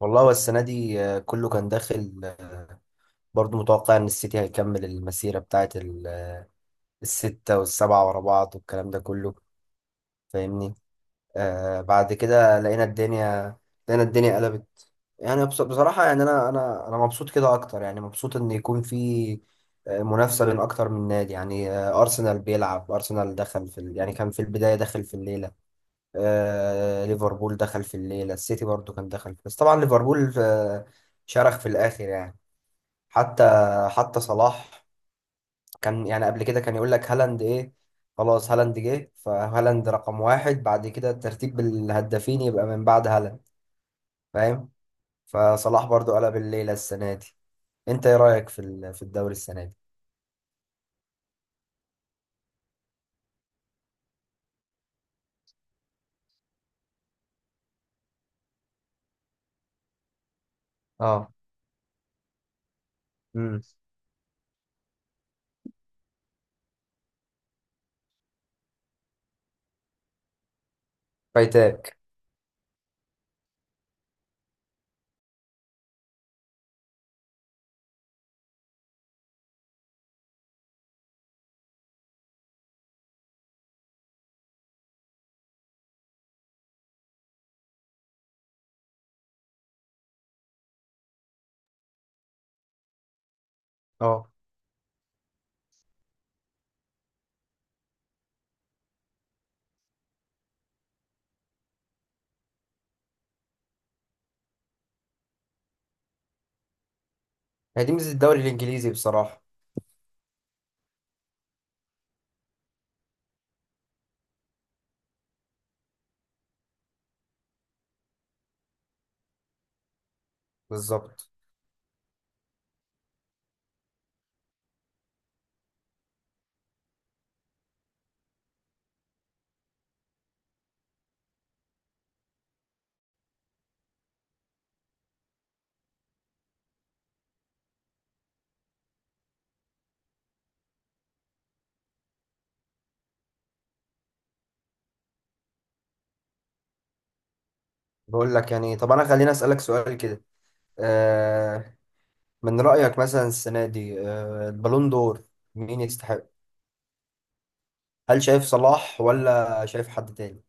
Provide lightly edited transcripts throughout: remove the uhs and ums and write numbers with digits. والله هو السنة دي كله كان داخل برضو متوقع إن السيتي هيكمل المسيرة بتاعت الستة والسبعة ورا بعض والكلام ده كله فاهمني. بعد كده لقينا الدنيا، لقينا الدنيا قلبت. يعني بصراحة يعني أنا مبسوط كده أكتر، يعني مبسوط إن يكون في منافسة بين أكتر من نادي. يعني أرسنال بيلعب، أرسنال دخل في ال... يعني كان في البداية داخل في الليلة، ليفربول دخل في الليلة، السيتي برضو كان دخل، بس طبعا ليفربول شرخ في الآخر يعني. حتى حتى صلاح كان يعني قبل كده كان يقول لك هالاند إيه، خلاص هالاند جه، فهالاند رقم واحد، بعد كده ترتيب الهدافين يبقى من بعد هالاند، فاهم. فصلاح برضو قلب الليلة السنة دي. أنت إيه رأيك في في الدوري السنة دي؟ اه. امم. فايتاك. اه، هي دي ميزة الدوري الإنجليزي بصراحة. بالظبط. بقول لك يعني، طب أنا خليني أسألك سؤال كده، آه، من رأيك مثلا السنة دي البالون دور مين يستحق؟ هل شايف صلاح ولا شايف حد تاني؟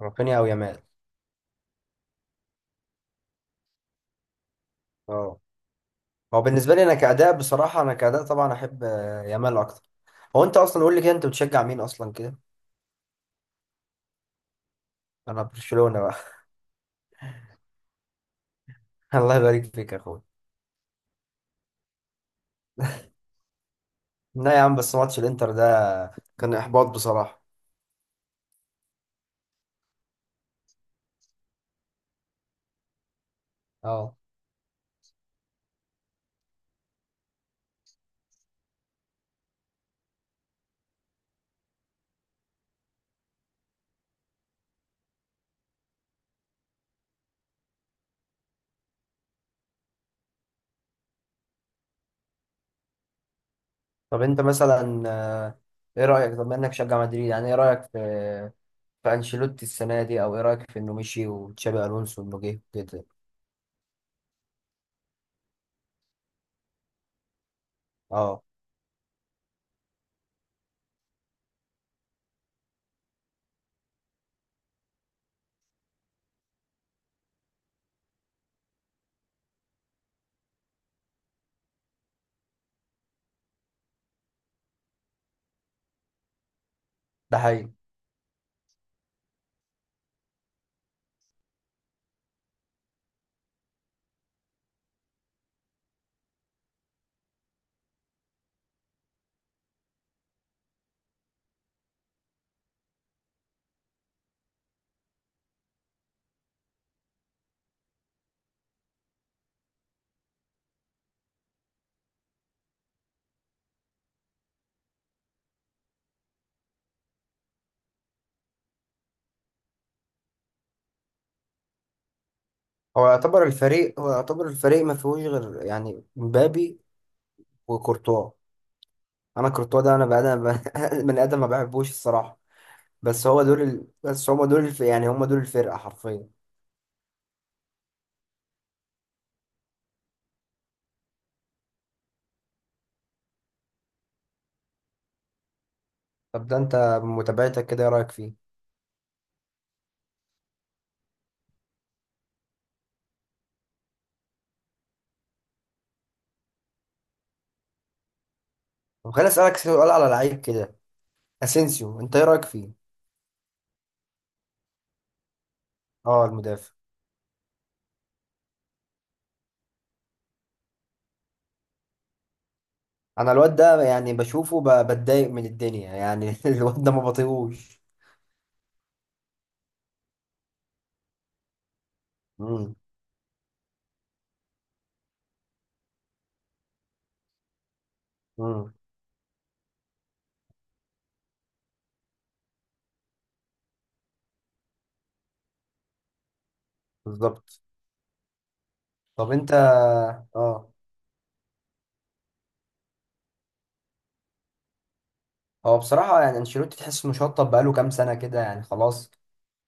رافينيا أو يامال؟ اه. هو بالنسبة لي أنا كأداء، بصراحة أنا كأداء طبعا أحب يامال أكتر. هو أنت أصلا قول لي كده، أنت بتشجع مين أصلا كده؟ أنا برشلونة بقى. الله يبارك فيك يا أخويا. لا يا عم، بس ماتش الإنتر ده كان إحباط بصراحة. اه. طب أنت مثلا إيه رأيك، طب إنك تشجع مدريد، يعني إيه رأيك في في أنشيلوتي السنة دي، أو إيه رأيك في إنه مشي وتشابي ألونسو إنه جه كده. اه، ده حقيقي. هو يعتبر الفريق ما فيهوش غير يعني مبابي وكورتوا. انا كورتوا ده انا بقى انا من ادم ما بحبوش الصراحه. بس هو دول ال... بس هم دول الف... يعني هم دول الفرقه حرفيا. طب ده انت متابعتك كده ايه رايك فيه؟ طب خليني اسالك سؤال على لعيب كده، اسينسيو انت ايه رايك فيه؟ اه، المدافع. انا الواد ده يعني بشوفه بتضايق من الدنيا يعني الواد ده ما بطيقوش. امم. امم. بالظبط. طب انت، اه، هو بصراحة يعني انشيلوتي تحس انه شطب، بقاله كام سنة كده يعني، خلاص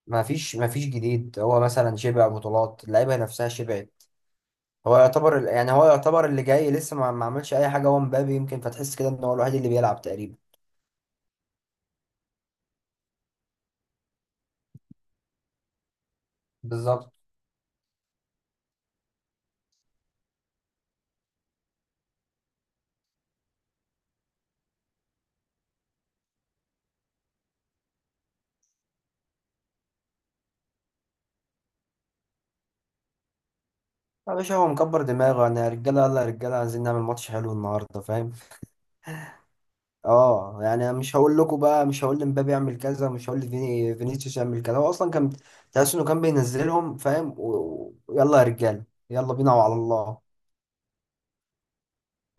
ما فيش جديد. هو مثلا شبع بطولات، اللعيبة نفسها شبعت. هو يعتبر اللي جاي لسه ما عملش أي حاجة، هو مبابي يمكن، فتحس كده ان هو الوحيد اللي بيلعب تقريبا. بالظبط. يا باشا هو مكبر دماغه، انا يا رجالة، يلا يا رجالة عايزين نعمل ماتش حلو النهاردة، فاهم. اه، يعني أنا مش هقول لكم بقى، مش هقول لمبابي اعمل كذا، مش هقول فينيسيوس يعمل كذا، هو اصلا كان، تحس انه كان بينزلهم، فاهم، ويلا يا رجالة، يلا بينا وعلى الله.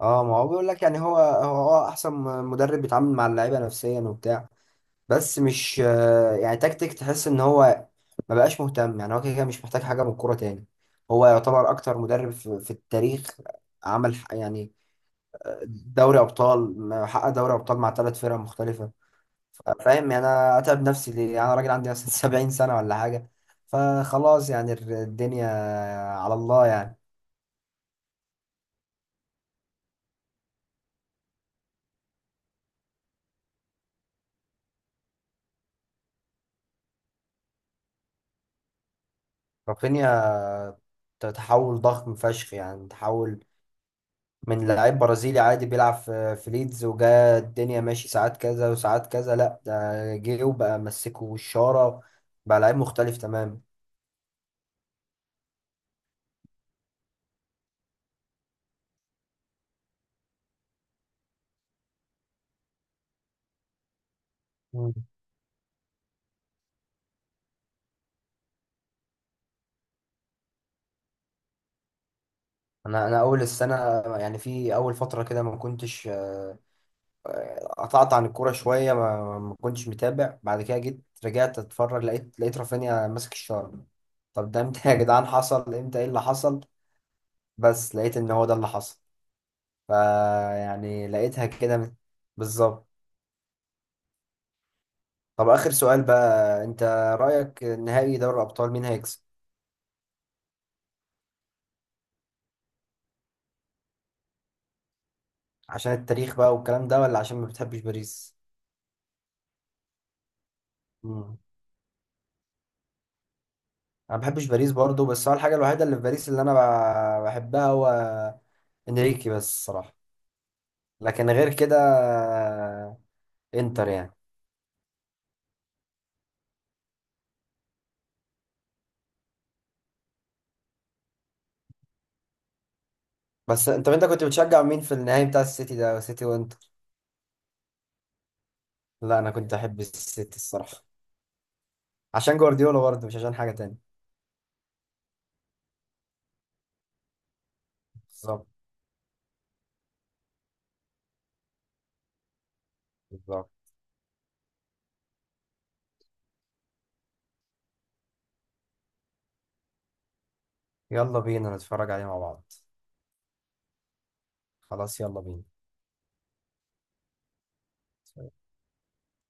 اه، ما هو بيقول لك يعني، هو اه، احسن مدرب بيتعامل مع اللعيبه نفسيا وبتاع. بس مش يعني تكتيك، تحس ان هو ما بقاش مهتم، يعني هو كده كده مش محتاج حاجه من الكوره تاني. هو يعتبر اكتر مدرب في, في التاريخ عمل يعني حقق دوري ابطال مع ثلاث فرق مختلفه. فاهم يعني انا اتعب نفسي ليه، يعني انا راجل عندي مثلا 70 سنه ولا حاجه، فخلاص يعني الدنيا على الله يعني. رافينيا، تحول ضخم فشخ، يعني تحول من لعيب برازيلي عادي بيلعب في ليدز، وجا الدنيا ماشي ساعات كذا وساعات كذا، لا ده جه وبقى مسكه الشارة، بقى لعيب مختلف تماما. مم. انا اول السنه يعني في اول فتره كده ما كنتش قطعت عن الكوره شويه، ما كنتش متابع، بعد كده جيت رجعت اتفرج، لقيت رافينيا ماسك الشارة. طب ده امتى يا جدعان، حصل امتى، ايه اللي حصل؟ بس لقيت ان هو ده اللي حصل. فيعني لقيتها كده بالظبط. طب آخر سؤال بقى، أنت رأيك نهائي دوري الأبطال مين هيكسب؟ عشان التاريخ بقى والكلام ده، ولا عشان ما بتحبش باريس؟ مم. أنا ما بحبش باريس برضه، بس هو الحاجة الوحيدة اللي في باريس اللي أنا بحبها هو إنريكي بس الصراحة. لكن غير كده، إنتر يعني. بس أنت كنت بتشجع مين في النهائي بتاع السيتي ده، سيتي وإنتر؟ لا أنا كنت أحب السيتي الصراحة، عشان جوارديولا برضه، مش عشان حاجة تانية. بالظبط. بالظبط. يلا بينا نتفرج عليه مع بعض. خلاص يلا بينا.